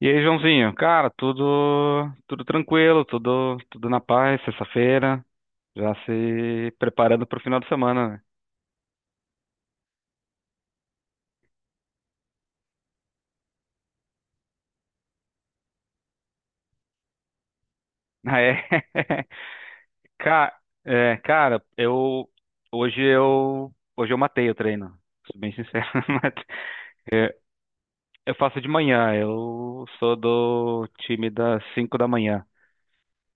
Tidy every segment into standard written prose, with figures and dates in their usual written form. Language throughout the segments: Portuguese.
E aí, Joãozinho? Cara, tudo tranquilo, tudo na paz, sexta-feira, já se preparando pro final de semana, né? Ah, é. Ca- É, cara, eu hoje eu hoje eu matei o treino. Sou bem sincero. Mas eu faço de manhã, eu sou do time das 5 da manhã.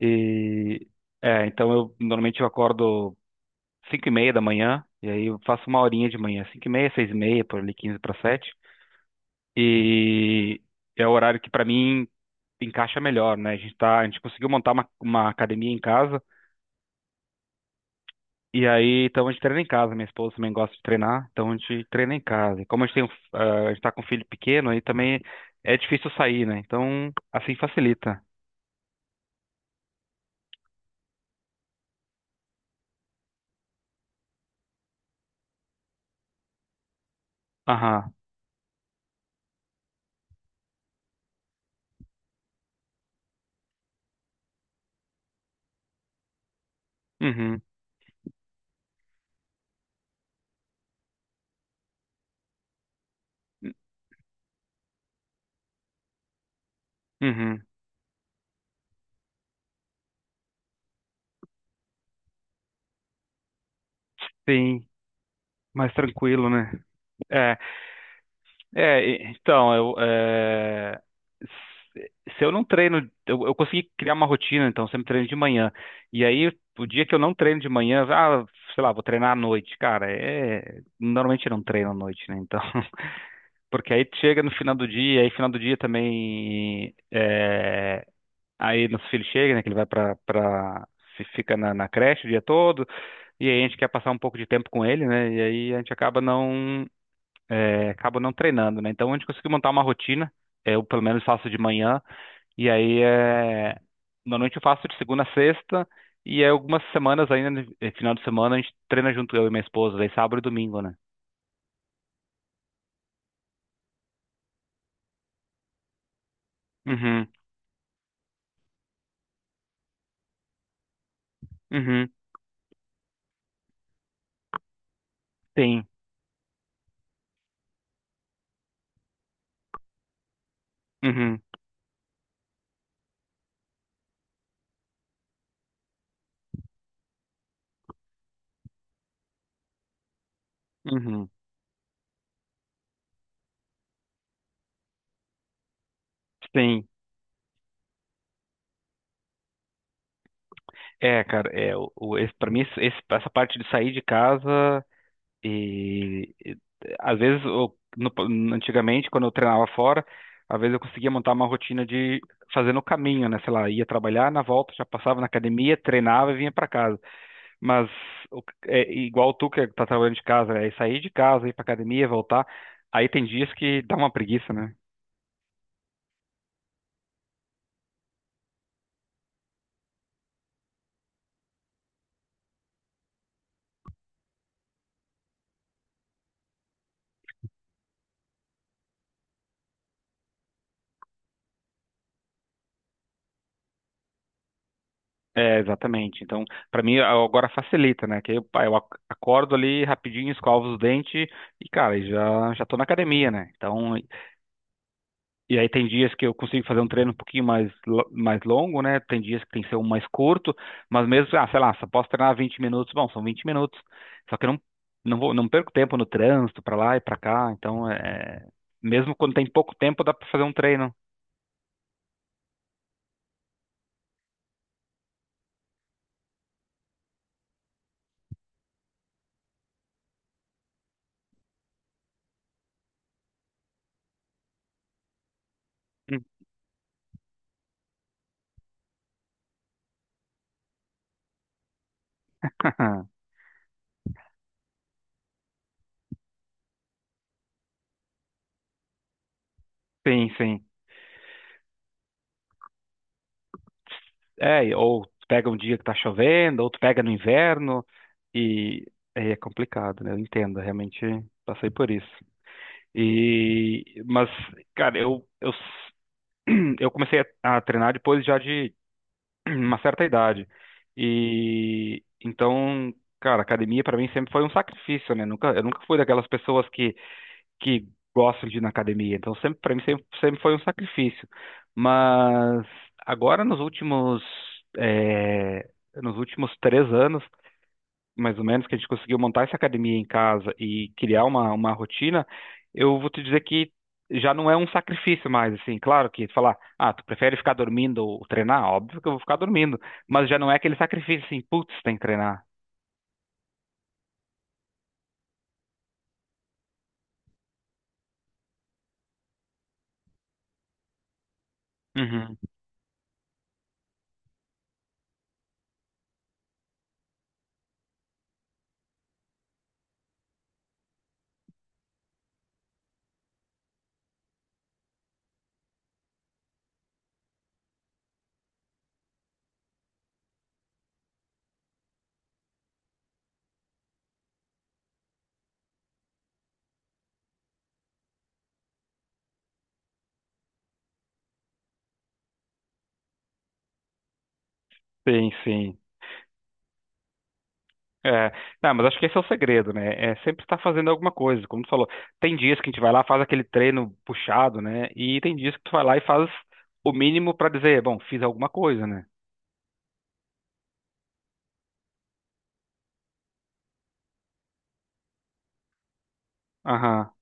E é, então eu normalmente eu acordo 5h30 da manhã, e aí eu faço uma horinha de manhã. 5h30, 6h30, por ali 6h45. E é o horário que pra mim encaixa melhor, né? A gente tá, a gente conseguiu montar uma academia em casa, e aí então a gente treina em casa. Minha esposa também gosta de treinar, então a gente treina em casa. E como a gente tem, a gente tá com um filho pequeno, aí também é difícil sair, né? Então assim facilita. Aham. Uhum. Uhum. Sim, mais tranquilo, né? É. Então, se se eu não treino, eu consegui criar uma rotina, então eu sempre treino de manhã. E aí, o dia que eu não treino de manhã, ah, sei lá, vou treinar à noite. Cara, é, normalmente eu não treino à noite, né? Então, porque aí chega no final do dia, aí final do dia também, é, aí nosso filho chega, né, que ele vai pra fica na creche o dia todo, e aí a gente quer passar um pouco de tempo com ele, né? E aí a gente acaba não, acabo não treinando, né? Então a gente conseguiu montar uma rotina. Eu pelo menos faço de manhã. E aí é, normalmente eu faço de segunda a sexta. E aí, algumas semanas ainda, no final de semana, a gente treina junto, eu e minha esposa, daí sábado e domingo, né? Uhum, uhum, sim, uhum, uhum, sim. É, cara, é, esse, pra mim, essa parte de sair de casa. E, e, Às vezes, antigamente, quando eu treinava fora, às vezes eu conseguia montar uma rotina de fazer no caminho, né? Sei lá, ia trabalhar, na volta já passava na academia, treinava e vinha para casa. Mas é igual tu que tá trabalhando de casa, é sair de casa, ir para academia, voltar. Aí tem dias que dá uma preguiça, né? É, exatamente. Então, para mim agora facilita, né? Que eu, pá, acordo ali rapidinho, escovo os dentes e, cara, já já tô na academia, né? Então, e aí tem dias que eu consigo fazer um treino um pouquinho mais longo, né? Tem dias que tem que ser um mais curto, mas mesmo, ah, sei lá, só posso treinar 20 minutos, bom, são 20 minutos. Só que eu não vou, não perco tempo no trânsito, pra lá e pra cá, então é... Mesmo quando tem pouco tempo, dá pra fazer um treino. Sim, sim. É, ou tu pega um dia que tá chovendo, ou tu pega no inverno, e aí é complicado, né? Eu entendo, realmente passei por isso. E, mas, cara, eu eu comecei a treinar depois já de uma certa idade. E então, cara, academia pra mim sempre foi um sacrifício, né? Nunca, eu nunca fui daquelas pessoas que gostam de ir na academia. Então, sempre para mim sempre, sempre foi um sacrifício. Mas agora nos últimos eh, 3 anos mais ou menos, que a gente conseguiu montar essa academia em casa e criar uma rotina, eu vou te dizer que já não é um sacrifício mais, assim. Claro, que falar, ah, tu prefere ficar dormindo ou treinar? Óbvio que eu vou ficar dormindo, mas já não é aquele sacrifício assim, putz, tem que treinar. Uhum. Sim, sim. É, não, mas acho que esse é o segredo, né? É sempre estar fazendo alguma coisa. Como tu falou, tem dias que a gente vai lá, faz aquele treino puxado, né? E tem dias que tu vai lá e faz o mínimo para dizer, bom, fiz alguma coisa, né? Aham.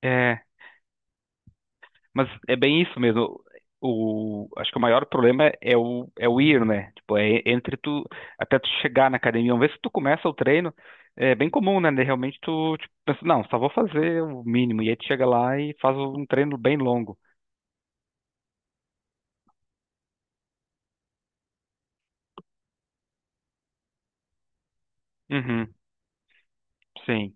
É. Mas é bem isso mesmo. O, acho que o maior problema é é o ir, né? Tipo, é entre tu, até tu chegar na academia. Uma vez que tu começa o treino, é bem comum, né? De realmente tu, tipo, pensa, não, só vou fazer o mínimo. E aí tu chega lá e faz um treino bem longo. Uhum, sim.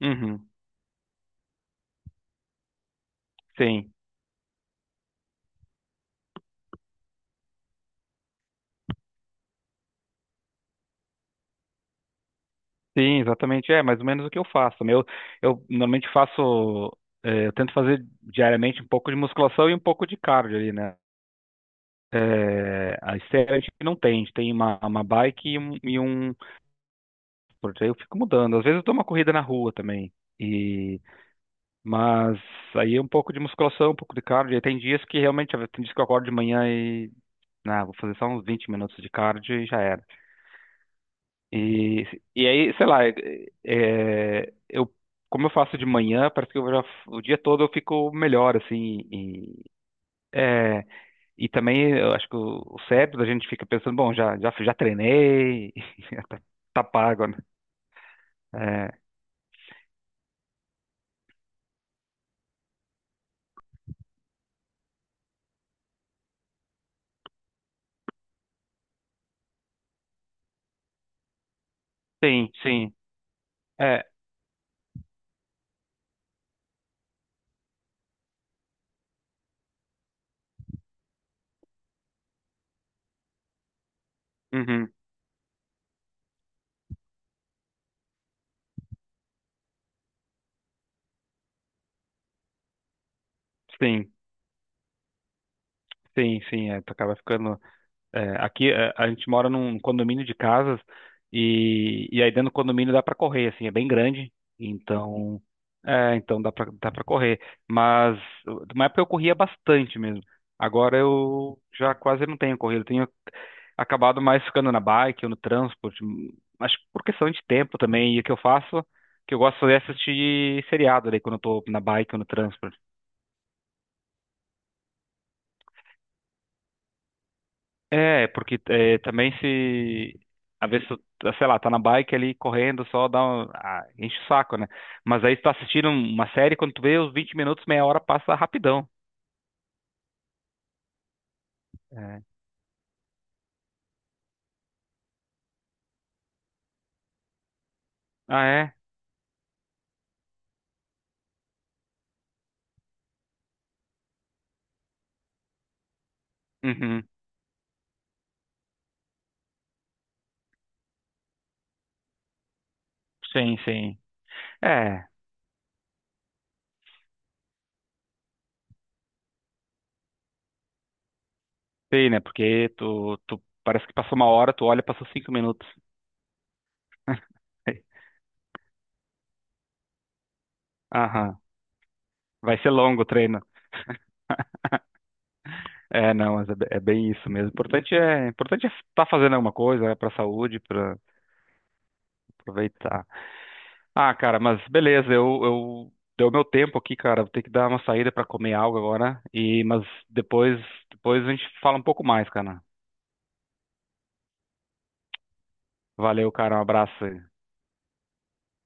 Uhum, sim. Sim, exatamente. É mais ou menos o que eu faço. Meu, eu normalmente faço, eu tento fazer diariamente um pouco de musculação e um pouco de cardio ali, né? É, a esteira a gente não tem, a gente tem uma bike e um, e um. Porque aí eu fico mudando. Às vezes eu dou uma corrida na rua também. E, mas aí é um pouco de musculação, um pouco de cardio. E tem dias que realmente, tem dias que eu acordo de manhã e, ah, vou fazer só uns 20 minutos de cardio e já era. E, e aí, sei lá, é, é, eu, como eu faço de manhã, parece que eu já, o dia todo eu fico melhor, assim, e, é, e também eu acho que o cérebro da gente fica pensando, bom, já, já, já treinei. Tá pago, né? Sim, sim. É, uhum, sim, sim, sim. É, tu acaba ficando. É, aqui é, a gente mora num condomínio de casas, e, aí dentro do condomínio dá para correr, assim, é bem grande, então é, então dá para correr. Mas na época eu corria bastante mesmo. Agora eu já quase não tenho corrido, eu tenho acabado mais ficando na bike ou no transporte, mas por questão de tempo também. E o que eu faço, o que eu gosto de fazer é assistir seriado ali quando eu tô na bike ou no transporte. É, porque é, também se. Às vezes, tu, sei lá, tá na bike ali correndo, só dá um, ah, enche o saco, né? Mas aí tu tá assistindo uma série, quando tu vê, os 20 minutos, meia hora passa rapidão. É. Ah, é? Uhum. Sim, sim. É, sim, né? Porque tu parece que passou uma hora, tu olha, passou 5 minutos. Aham. Vai ser longo o treino. É, não, mas é, é bem isso mesmo. O importante é estar fazendo alguma coisa, né, pra saúde, para aproveitar. Ah, cara, mas beleza, eu deu meu tempo aqui, cara. Vou ter que dar uma saída pra comer algo agora. E mas depois, depois a gente fala um pouco mais, cara. Valeu, cara. Um abraço aí.